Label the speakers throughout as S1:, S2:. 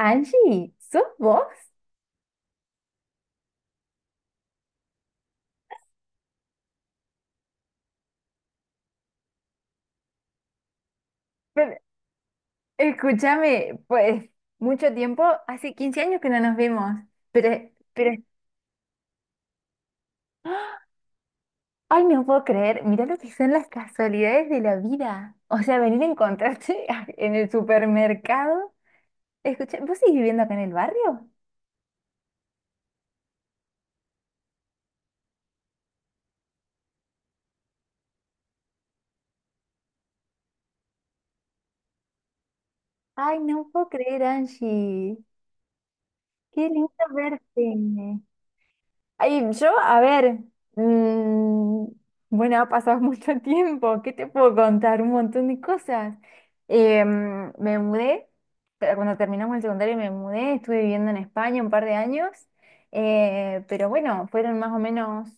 S1: Angie, ¿sos vos? Pero, escúchame, pues mucho tiempo, hace 15 años que no nos vemos, pero, pero, ay, no puedo creer, mira lo que son las casualidades de la vida. O sea, venir a encontrarte en el supermercado. Escucha, ¿vos seguís viviendo acá en el barrio? Ay, no puedo creer, Angie. Qué lindo verte. Ay, yo, a ver, mm, bueno, ha pasado mucho tiempo, ¿qué te puedo contar? Un montón de cosas. Me mudé, pero cuando terminamos el secundario me mudé, estuve viviendo en España un par de años, pero bueno, fueron más o menos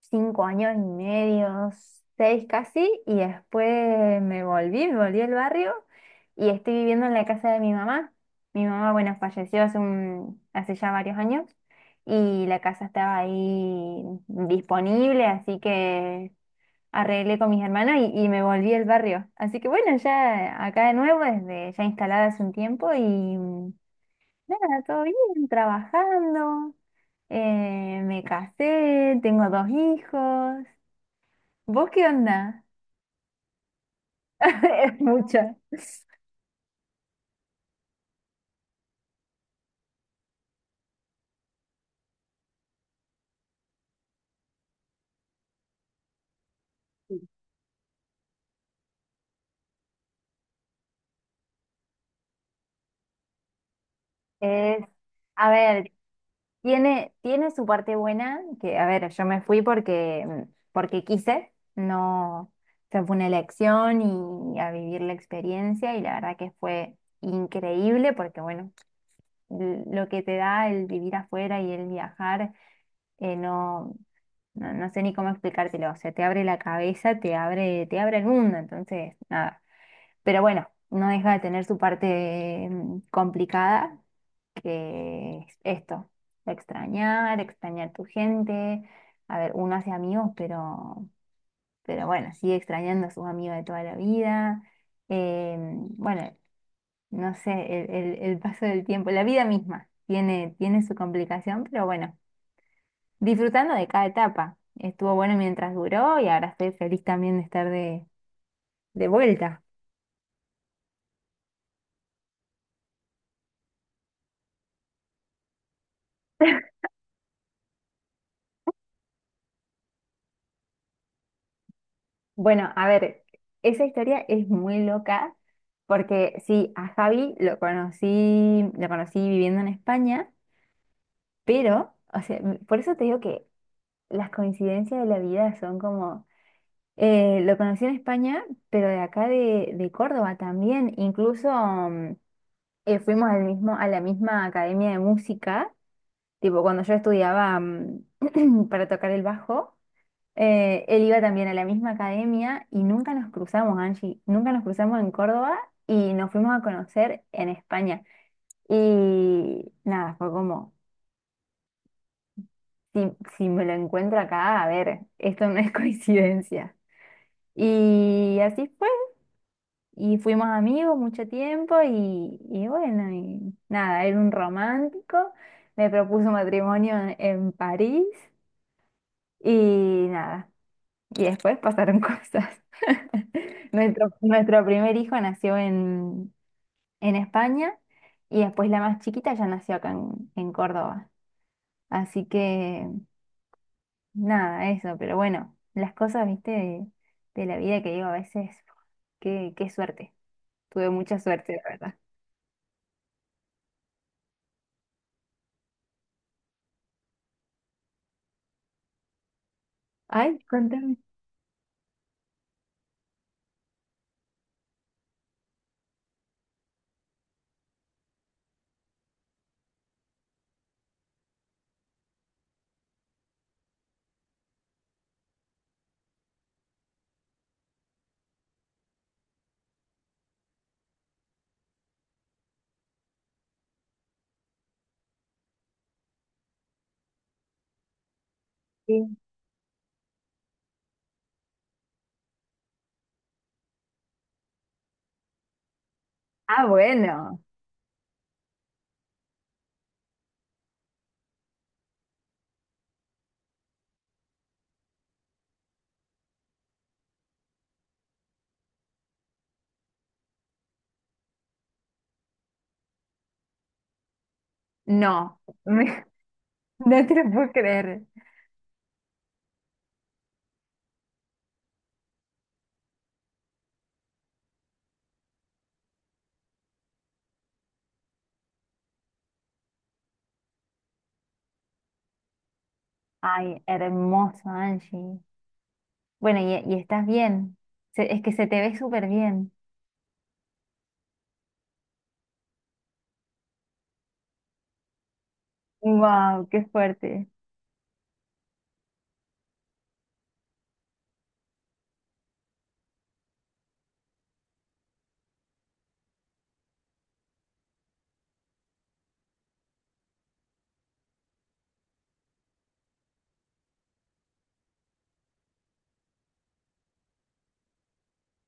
S1: cinco años y medio, seis casi, y después me volví al barrio y estoy viviendo en la casa de mi mamá. Mi mamá, bueno, falleció hace ya varios años y la casa estaba ahí disponible, así que arreglé con mis hermanos y me volví al barrio. Así que bueno, ya acá de nuevo, desde ya instalada hace un tiempo y nada, todo bien, trabajando. Me casé, tengo dos hijos. ¿Vos qué onda? Es mucha. Es, a ver, tiene su parte buena, que a ver, yo me fui porque quise, no, o sea, fue una elección y a vivir la experiencia y la verdad que fue increíble porque bueno, lo que te da el vivir afuera y el viajar, no. No, no sé ni cómo explicártelo, o sea, te abre la cabeza, te abre el mundo, entonces, nada. Pero bueno, no deja de tener su parte complicada, que es esto, extrañar, extrañar tu gente. A ver, uno hace amigos, pero bueno, sigue extrañando a sus amigos de toda la vida. Bueno, no sé, el paso del tiempo, la vida misma tiene su complicación, pero bueno disfrutando de cada etapa. Estuvo bueno mientras duró y ahora estoy feliz también de estar de vuelta. Bueno, a ver, esa historia es muy loca porque sí, a Javi lo conocí viviendo en España, pero, o sea, por eso te digo que las coincidencias de la vida son como, lo conocí en España, pero de acá de Córdoba también, incluso fuimos al mismo, a la misma academia de música. Tipo, cuando yo estudiaba para tocar el bajo, él iba también a la misma academia y nunca nos cruzamos, Angie. Nunca nos cruzamos en Córdoba y nos fuimos a conocer en España. Y nada, fue como, si, si me lo encuentro acá, a ver, esto no es coincidencia. Y así fue. Y fuimos amigos mucho tiempo y bueno, y nada, era un romántico. Me propuso matrimonio en París. Y nada. Y después pasaron cosas. Nuestro primer hijo nació en España y después la más chiquita ya nació acá en Córdoba. Así que nada, eso, pero bueno, las cosas, viste, de la vida que digo a veces, qué suerte. Tuve mucha suerte, la verdad. Ay, contame. Sí. Ah, bueno, no, no te lo puedo creer. Ay, hermoso, Angie. Bueno, y estás bien. Es que se te ve súper bien. Wow, qué fuerte.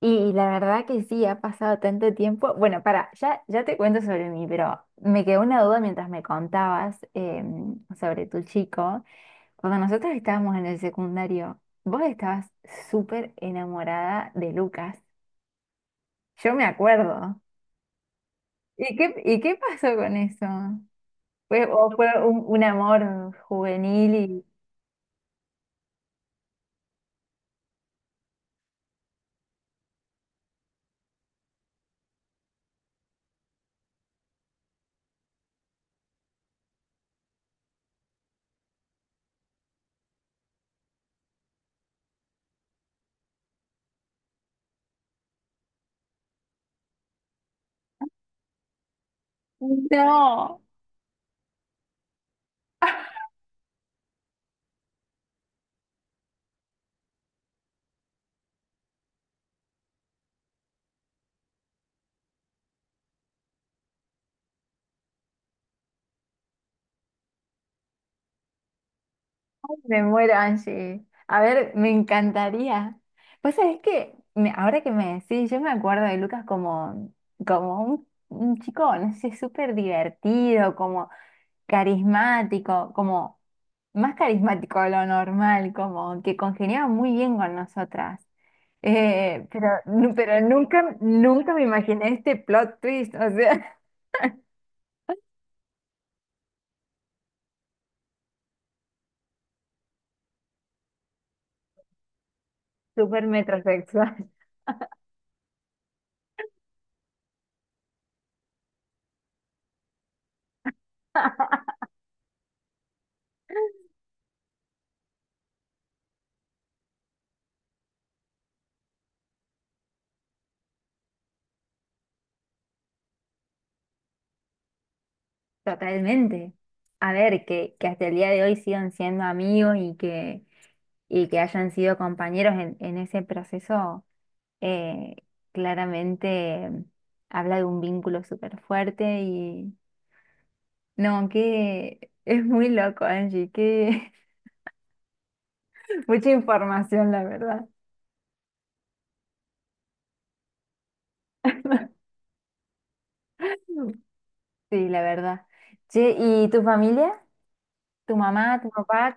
S1: Y, la verdad que sí, ha pasado tanto tiempo. Bueno, para, ya te cuento sobre mí, pero me quedó una duda mientras me contabas sobre tu chico. Cuando nosotros estábamos en el secundario, vos estabas súper enamorada de Lucas. Yo me acuerdo. ¿Y qué pasó con eso? ¿Fue, o fue un amor juvenil y... No. Me muero, Angie. A ver, me encantaría. Pues sabés que me- ahora que me decís, yo me acuerdo de Lucas como un chico, no sé, súper divertido, como carismático, como más carismático de lo normal, como que congeniaba muy bien con nosotras. Pero, pero nunca me imaginé este plot twist, o sea, súper metrosexual. Totalmente. A ver, que hasta el día de hoy sigan siendo amigos y que hayan sido compañeros en ese proceso, eh, claramente habla de un vínculo súper fuerte y no, que es muy loco, Angie, que mucha información, la verdad. Sí, la verdad. Che, ¿y tu familia? ¿Tu mamá, tu papá?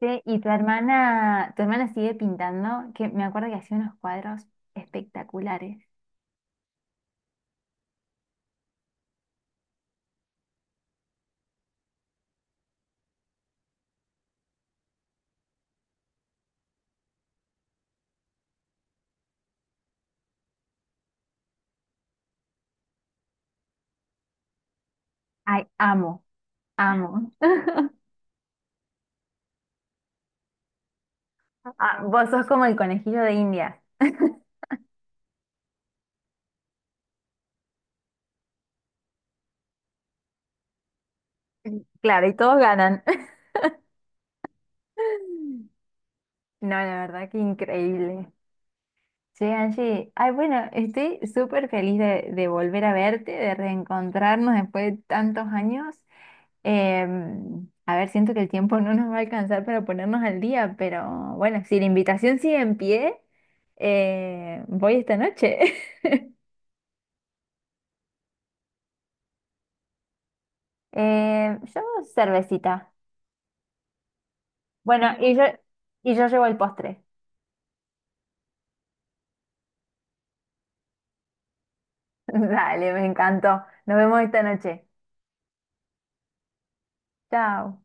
S1: Che, ¿y tu hermana? ¿Tu hermana sigue pintando? Que me acuerdo que hacía unos cuadros espectaculares. Ay, amo, amo. Ah, vos sos como el conejillo de India. Claro, y todos ganan. No, la verdad que increíble. Che, Angie, ay, bueno, estoy súper feliz de volver a verte, de reencontrarnos después de tantos años. A ver, siento que el tiempo no nos va a alcanzar para ponernos al día, pero bueno, si la invitación sigue en pie, voy esta noche. Yo cervecita. Bueno, y yo llevo el postre. Dale, me encantó. Nos vemos esta noche. Chao.